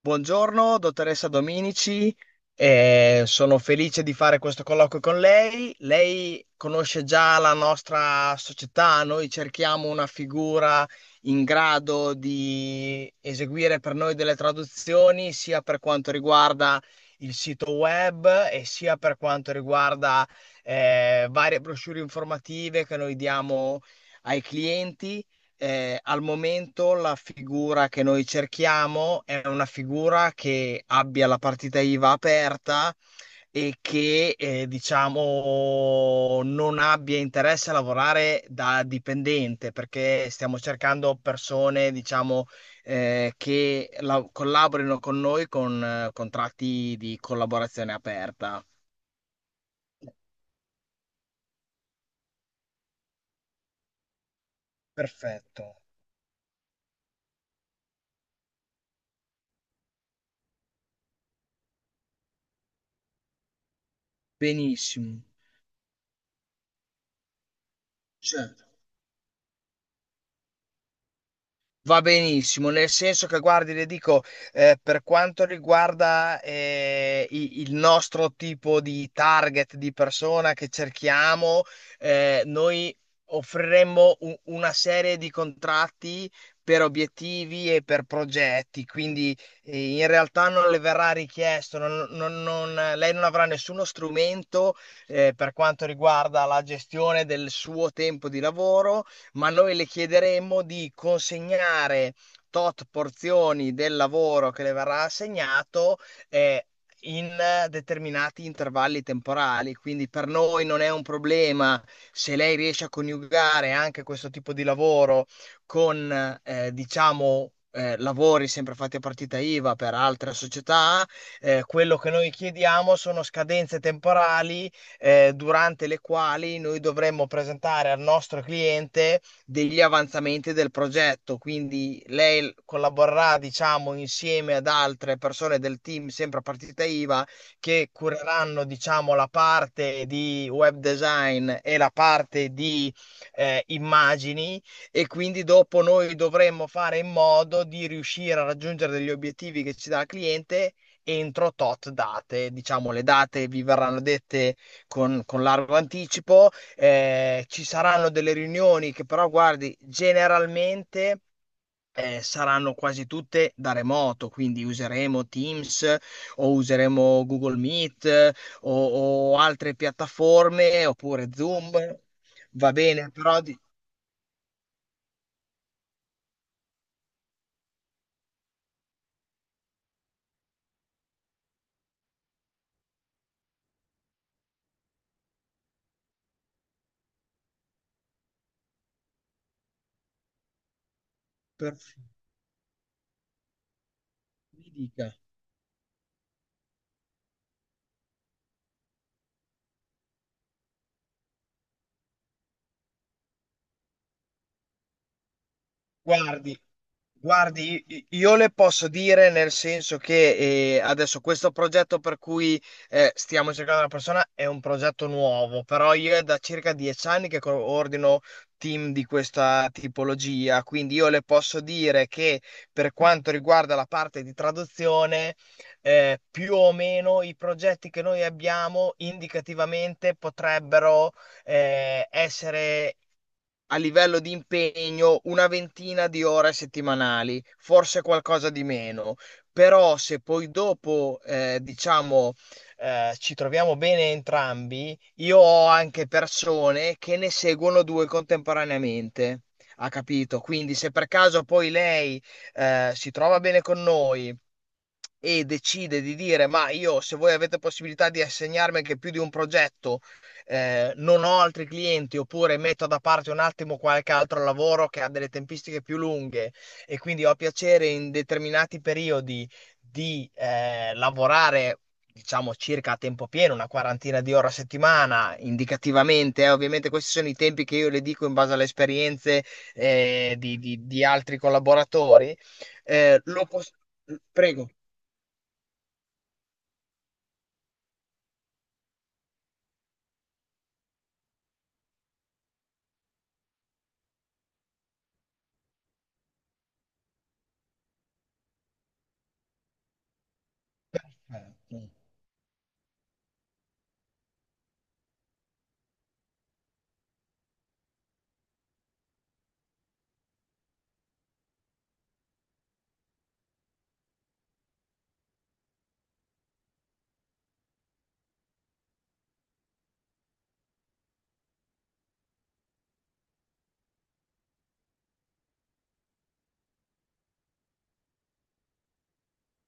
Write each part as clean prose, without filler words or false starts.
Buongiorno, dottoressa Dominici, sono felice di fare questo colloquio con lei. Lei conosce già la nostra società, noi cerchiamo una figura in grado di eseguire per noi delle traduzioni, sia per quanto riguarda il sito web e sia per quanto riguarda varie brochure informative che noi diamo ai clienti. Al momento la figura che noi cerchiamo è una figura che abbia la partita IVA aperta e che diciamo non abbia interesse a lavorare da dipendente, perché stiamo cercando persone, diciamo, che collaborino con noi con contratti di collaborazione aperta. Perfetto, benissimo. Certo. Va benissimo, nel senso che guardi, le dico, per quanto riguarda il nostro tipo di target di persona che cerchiamo, noi offriremmo una serie di contratti per obiettivi e per progetti, quindi in realtà non le verrà richiesto, lei non avrà nessuno strumento per quanto riguarda la gestione del suo tempo di lavoro, ma noi le chiederemmo di consegnare tot porzioni del lavoro che le verrà assegnato eh, in determinati intervalli temporali. Quindi per noi non è un problema se lei riesce a coniugare anche questo tipo di lavoro con, diciamo, lavori sempre fatti a partita IVA per altre società. Quello che noi chiediamo sono scadenze temporali durante le quali noi dovremmo presentare al nostro cliente degli avanzamenti del progetto. Quindi lei collaborerà, diciamo, insieme ad altre persone del team, sempre a partita IVA, che cureranno, diciamo, la parte di web design e la parte di immagini, e quindi dopo noi dovremmo fare in modo di riuscire a raggiungere degli obiettivi che ci dà il cliente entro tot date. Diciamo, le date vi verranno dette con largo anticipo. Ci saranno delle riunioni che però, guardi, generalmente saranno quasi tutte da remoto, quindi useremo Teams o useremo Google Meet, o altre piattaforme oppure Zoom. Va bene, però per- mi dica. Guardi, io le posso dire nel senso che adesso questo progetto per cui stiamo cercando una persona è un progetto nuovo, però io è da circa 10 anni che coordino team di questa tipologia, quindi io le posso dire che per quanto riguarda la parte di traduzione, più o meno i progetti che noi abbiamo indicativamente potrebbero essere a livello di impegno una ventina di ore settimanali, forse qualcosa di meno, però se poi dopo, diciamo, ci troviamo bene entrambi, io ho anche persone che ne seguono due contemporaneamente. Ha capito? Quindi se per caso poi lei si trova bene con noi, e decide di dire: "Ma io, se voi avete possibilità di assegnarmi anche più di un progetto, non ho altri clienti, oppure metto da parte un attimo qualche altro lavoro che ha delle tempistiche più lunghe, e quindi ho piacere in determinati periodi di lavorare. Diciamo circa a tempo pieno, una quarantina di ore a settimana, indicativamente." Ovviamente questi sono i tempi che io le dico in base alle esperienze di, di altri collaboratori. Eh, lo pos- Prego. Eh,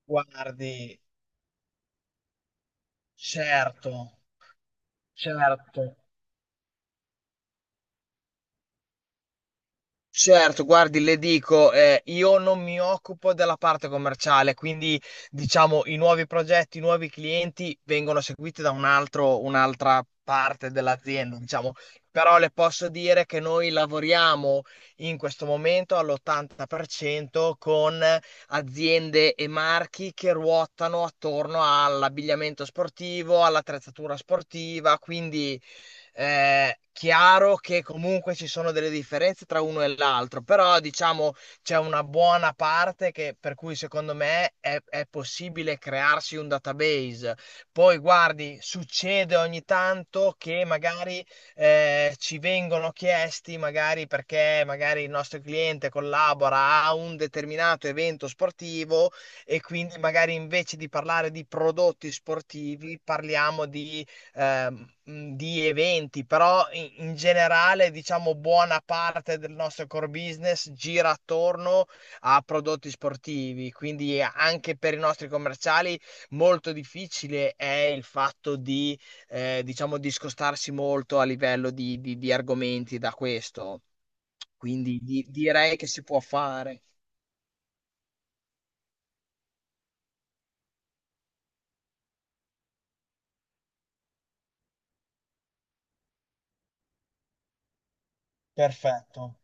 Guardi, certo, certo. Certo, guardi, le dico, io non mi occupo della parte commerciale, quindi diciamo i nuovi progetti, i nuovi clienti vengono seguiti da un altro, un'altra parte dell'azienda, diciamo. Però le posso dire che noi lavoriamo in questo momento all'80% con aziende e marchi che ruotano attorno all'abbigliamento sportivo, all'attrezzatura sportiva, quindi chiaro che comunque ci sono delle differenze tra uno e l'altro, però diciamo c'è una buona parte che, per cui secondo me è possibile crearsi un database. Poi guardi, succede ogni tanto che magari ci vengono chiesti, magari perché magari il nostro cliente collabora a un determinato evento sportivo e quindi magari invece di parlare di prodotti sportivi parliamo di eventi, però in, in generale, diciamo, buona parte del nostro core business gira attorno a prodotti sportivi, quindi anche per i nostri commerciali molto difficile è il fatto di, diciamo, discostarsi molto a livello di, di argomenti da questo. Quindi direi che si può fare. Perfetto.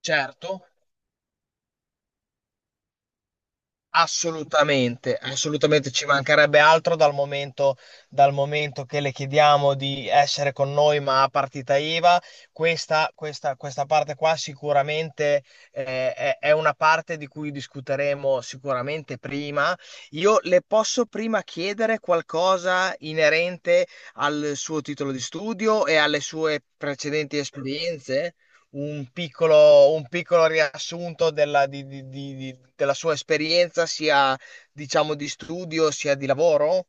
Certo. Assolutamente, assolutamente ci mancherebbe altro dal momento che le chiediamo di essere con noi ma a partita IVA, questa parte qua sicuramente è una parte di cui discuteremo sicuramente prima. Io le posso prima chiedere qualcosa inerente al suo titolo di studio e alle sue precedenti esperienze? Un piccolo, un piccolo riassunto della, della sua esperienza, sia diciamo di studio, sia di lavoro?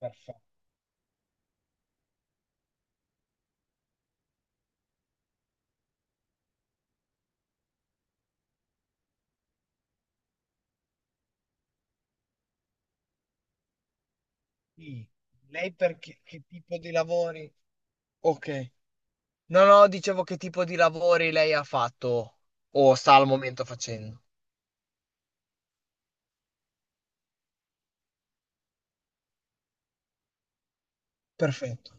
Perfetto. Sì. Lei per che tipo di lavori? Ok. No, no, dicevo che tipo di lavori lei ha fatto o sta al momento facendo. Perfetto.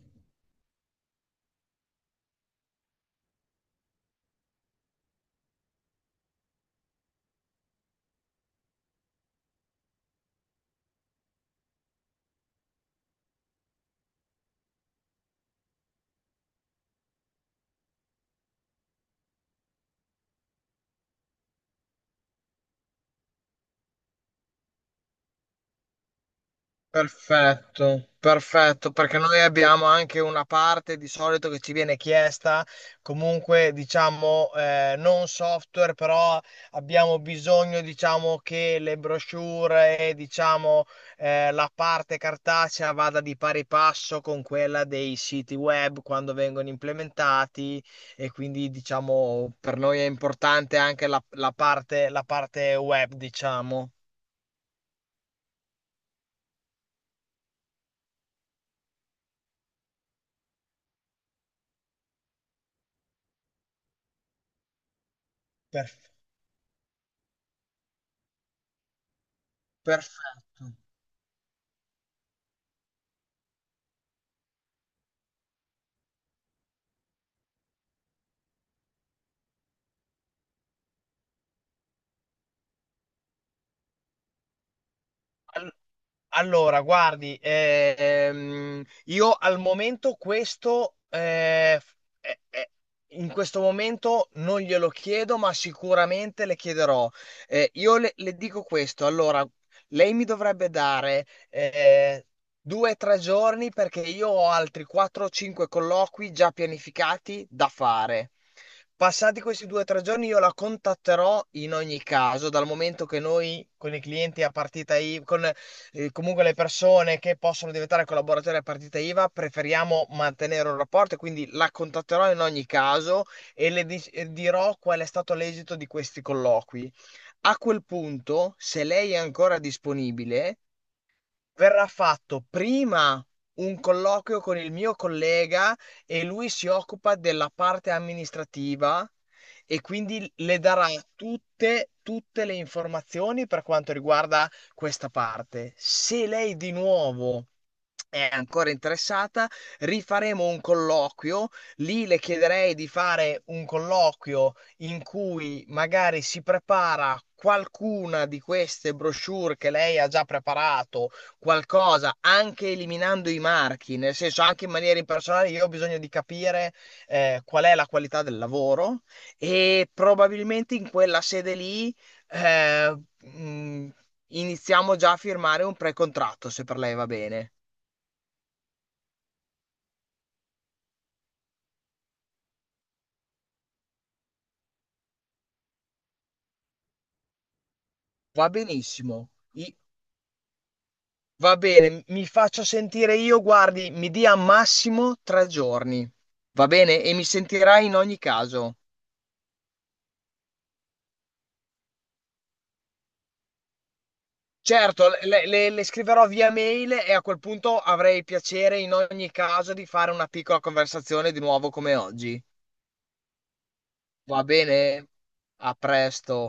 Perfetto, perfetto, perché noi abbiamo anche una parte di solito che ci viene chiesta, comunque diciamo non software, però abbiamo bisogno diciamo che le brochure e diciamo la parte cartacea vada di pari passo con quella dei siti web quando vengono implementati, e quindi diciamo per noi è importante anche la, la parte web, diciamo. Per- perfetto. Allora, guardi, io al momento questo, eh, eh, in questo momento non glielo chiedo, ma sicuramente le chiederò. Io le dico questo, allora, lei mi dovrebbe dare due o tre giorni perché io ho altri 4-5 colloqui già pianificati da fare. Passati questi due o tre giorni io la contatterò in ogni caso, dal momento che noi con i clienti a partita IVA, comunque le persone che possono diventare collaboratori a partita IVA, preferiamo mantenere un rapporto, e quindi la contatterò in ogni caso e e dirò qual è stato l'esito di questi colloqui. A quel punto, se lei è ancora disponibile, verrà fatto prima un colloquio con il mio collega e lui si occupa della parte amministrativa e quindi le darà tutte, tutte le informazioni per quanto riguarda questa parte. Se lei di nuovo è ancora interessata, rifaremo un colloquio. Lì le chiederei di fare un colloquio in cui magari si prepara qualcuna di queste brochure che lei ha già preparato qualcosa, anche eliminando i marchi, nel senso anche in maniera impersonale, io ho bisogno di capire qual è la qualità del lavoro, e probabilmente in quella sede lì eh, mh, iniziamo già a firmare un pre-contratto, se per lei va bene. Va benissimo. Va bene, mi faccio sentire io, guardi, mi dia massimo tre giorni. Va bene? E mi sentirai in ogni caso. Certo, le, le scriverò via mail e a quel punto avrei piacere in ogni caso di fare una piccola conversazione di nuovo come oggi. Va bene? A presto.